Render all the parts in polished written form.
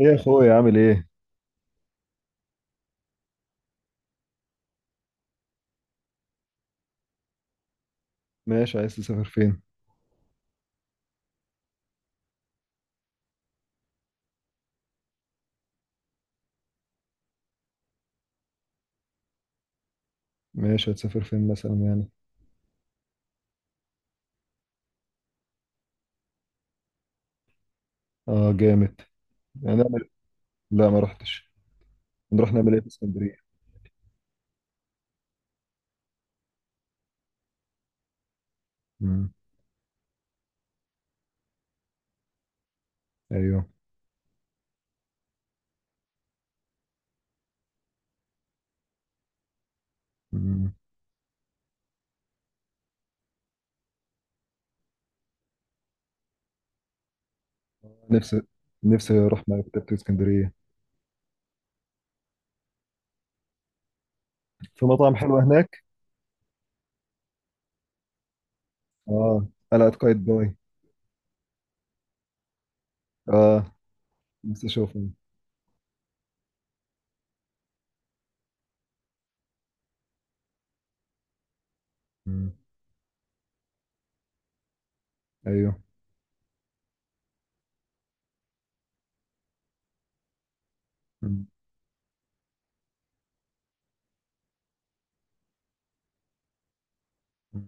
ايه يا اخويا، عامل ايه؟ ماشي، عايز تسافر فين؟ ماشي، هتسافر فين مثلا يعني؟ اه، جامد. يعني نعمل إيه؟ لا، ما رحتش. نروح نعمل ايه في اسكندريه؟ امم. ايوه. امم. نفسي نفسي اروح مكتبه اسكندريه. في مطعم حلو هناك؟ اه. قلعه قايتباي. اه. نفسي اشوفه. امم. ايوه. اه،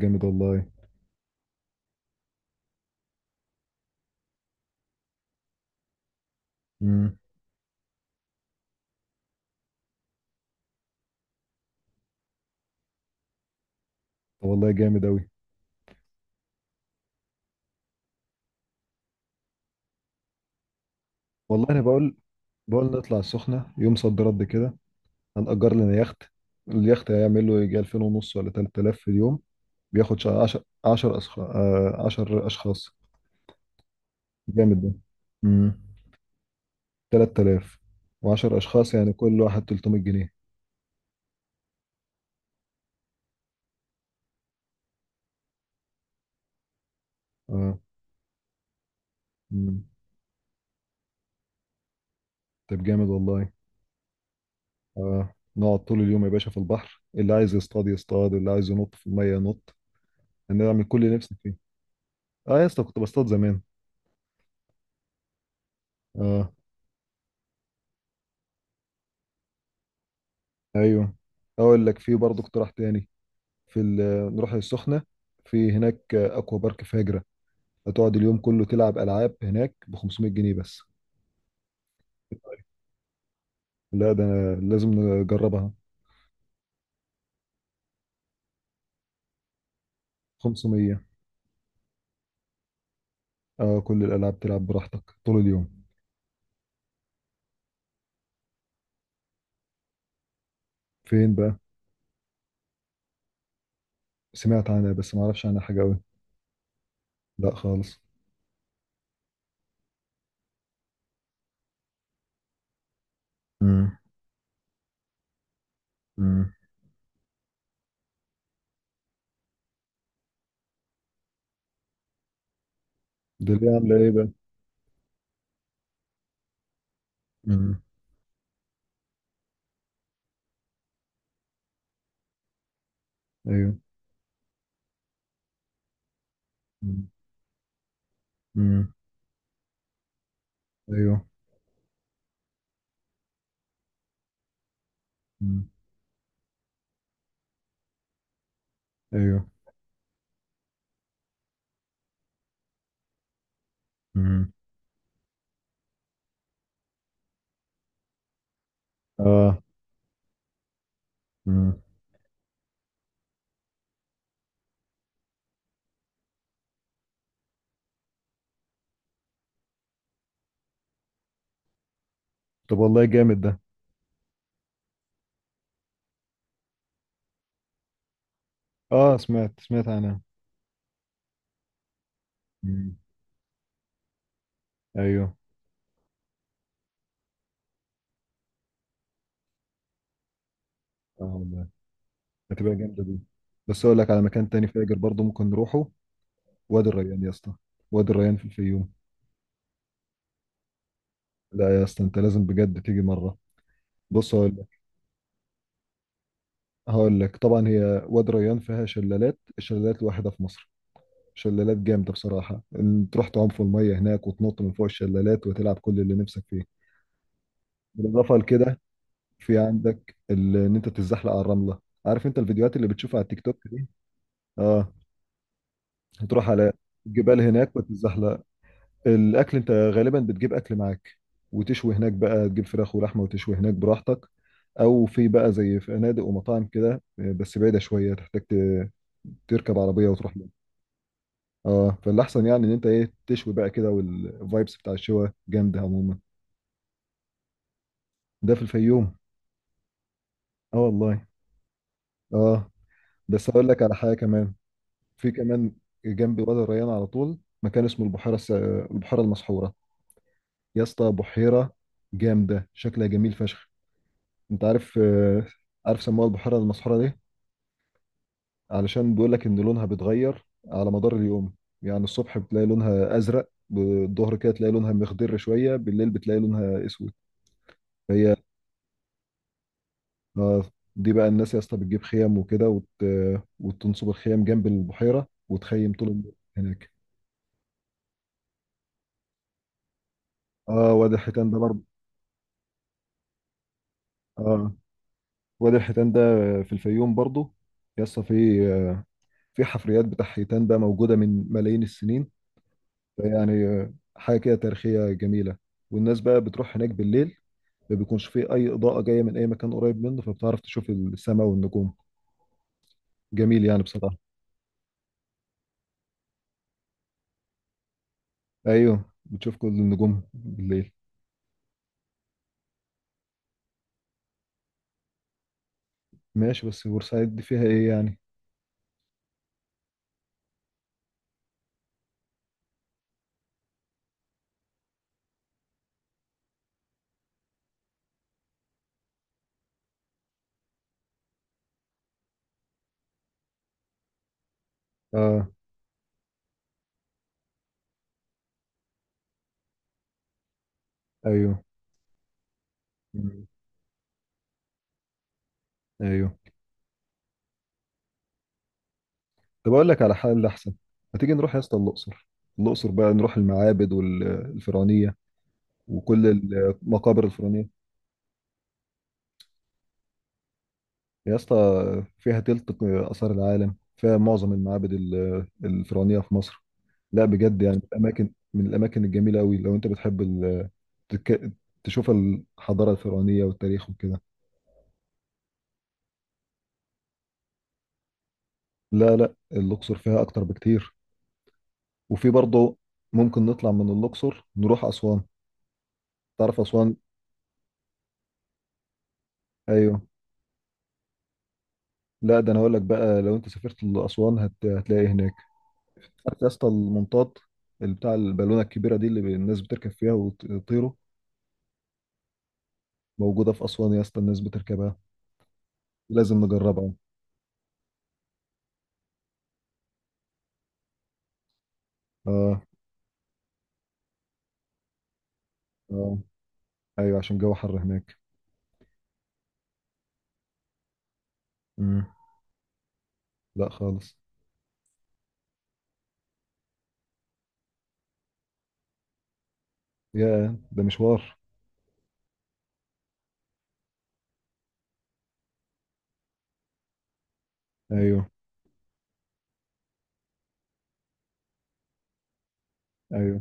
جامد والله. امم. طب والله، جامد أوي. والله أنا بقول نطلع السخنة يوم صد رد كده. هنأجر لنا يخت. اليخت هيعمل له يجي 2000 ونص ولا 3000 في اليوم. بياخد 10 10 10 أشخاص. جامد ده. امم. 3000 و10 أشخاص يعني كل واحد 300 جنيه. اه. امم. طب جامد والله. اه، نقعد طول اليوم يا باشا في البحر، اللي عايز يصطاد يصطاد، اللي عايز ينط في المية ينط. هنعمل كل اللي نفسك فيه. اه يا اسطى، كنت بصطاد زمان. اه. ايوه. اقول لك في برضه اقتراح تاني. في نروح السخنه. في هناك اكوا بارك فاجره، هتقعد اليوم كله تلعب العاب هناك ب 500 جنيه بس. لا ده أنا لازم نجربها. 500. اه، كل الالعاب تلعب براحتك طول اليوم. فين بقى؟ سمعت عنها بس ما اعرفش عنها حاجه قوي. لا خالص. امم. امم. دي اللي عامله ايه بقى؟ امم. ايوه. امم. ايوه. امم. ايوه. امم. اه. امم. طب والله جامد ده. اه، سمعت سمعت عنها. مم. ايوه. اه والله، هتبقى جامده دي. بس اقول لك على مكان تاني فاجر برضو ممكن نروحه. وادي الريان يا اسطى. وادي الريان في الفيوم. لا يا اسطى، انت لازم بجد تيجي مره. بص هقول لك طبعا، هي وادي الريان فيها شلالات، الشلالات الوحيده في مصر. شلالات جامده بصراحه، ان تروح تعوم في الميه هناك وتنط من فوق الشلالات وتلعب كل اللي نفسك فيه. بالاضافه لكده، في عندك ان انت تتزحلق على الرمله. عارف انت الفيديوهات اللي بتشوفها على التيك توك دي؟ اه. هتروح على الجبال هناك وتتزحلق. الاكل، انت غالبا بتجيب اكل معاك وتشوي هناك بقى، تجيب فراخ ولحمه وتشوي هناك براحتك. او في بقى زي فنادق ومطاعم كده بس بعيده شويه، تحتاج تركب عربيه وتروح لها. اه، فالاحسن يعني ان انت ايه، تشوي بقى كده، والفايبس بتاع الشوا جامده عموما. ده في الفيوم. اه والله. اه. بس اقول لك على حاجه كمان. في كمان. جنب وادي الريان على طول مكان اسمه البحيره المسحوره. يا اسطى، بحيره جامده شكلها جميل فشخ. انت عارف. عارف سموها البحيرة المسحورة ليه؟ علشان بيقول لك ان لونها بيتغير على مدار اليوم. يعني الصبح بتلاقي لونها ازرق، بالظهر كده تلاقي لونها مخضر شوية، بالليل بتلاقي لونها اسود. فهي آه، دي بقى الناس يا اسطى بتجيب خيم وكده، وت... آه، وتنصب الخيم جنب البحيرة وتخيم طول النهار هناك. اه. وادي الحيتان ده برضه. اه، وادي الحيتان ده في الفيوم برضه. يا اسطى في في حفريات بتاع حيتان بقى موجودة من ملايين السنين. يعني حاجة كده تاريخية جميلة. والناس بقى بتروح هناك بالليل، ما بيكونش فيه أي إضاءة جاية من أي مكان قريب منه فبتعرف تشوف السماء والنجوم. جميل يعني بصراحة. أيوه، بتشوف كل النجوم بالليل. ماشي، بس بورسعيد دي فيها إيه يعني؟ آه. أيوه. مم. أيوه. طب أقول لك على حل أحسن، ما تيجي نروح يا اسطى الأقصر. الأقصر بقى نروح المعابد والفرعونية وكل المقابر الفرعونية. يا اسطى، فيها تلت آثار العالم، فيها معظم المعابد الفرعونية في مصر. لا بجد، يعني الأماكن من الأماكن الجميلة أوي لو أنت بتحب تك... تشوف الحضارة الفرعونية والتاريخ وكده. لا لا، الأقصر فيها أكتر بكتير. وفي برضه ممكن نطلع من الأقصر نروح أسوان. تعرف أسوان؟ أيوه. لا ده أنا هقول لك بقى، لو أنت سافرت لأسوان هتلاقي إيه هناك. عارف يا اسطى المنطاد، اللي بتاع البالونة الكبيرة دي اللي الناس بتركب فيها وتطيروا؟ موجودة في أسوان يا اسطى، الناس بتركبها. لازم نجربها. اه. اه. ايوه، عشان الجو حر هناك. مم. لا خالص. يا ده مشوار. ايوه. ايوه.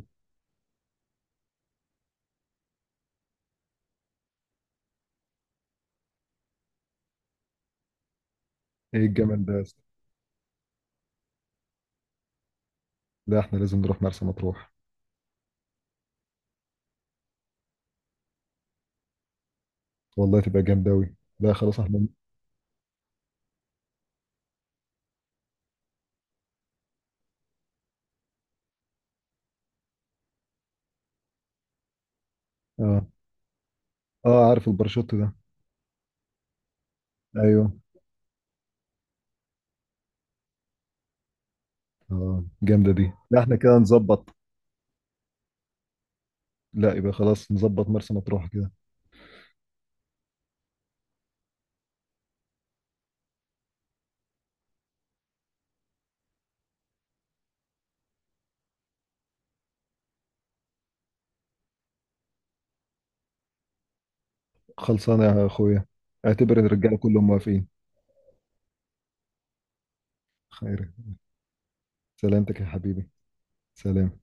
ايه الجمال ده يا اسطى! لا احنا لازم نروح مرسى مطروح. والله تبقى جامدة أوي. لا خلاص احنا. اه. اه. عارف الباراشوت ده. ايوه. اه، جامدة دي. لا احنا كده نظبط. لا يبقى خلاص، نظبط مرسى مطروح كده. خلصانة يا اخويا، اعتبر الرجالة كلهم موافقين. خير. سلامتك يا حبيبي. سلام.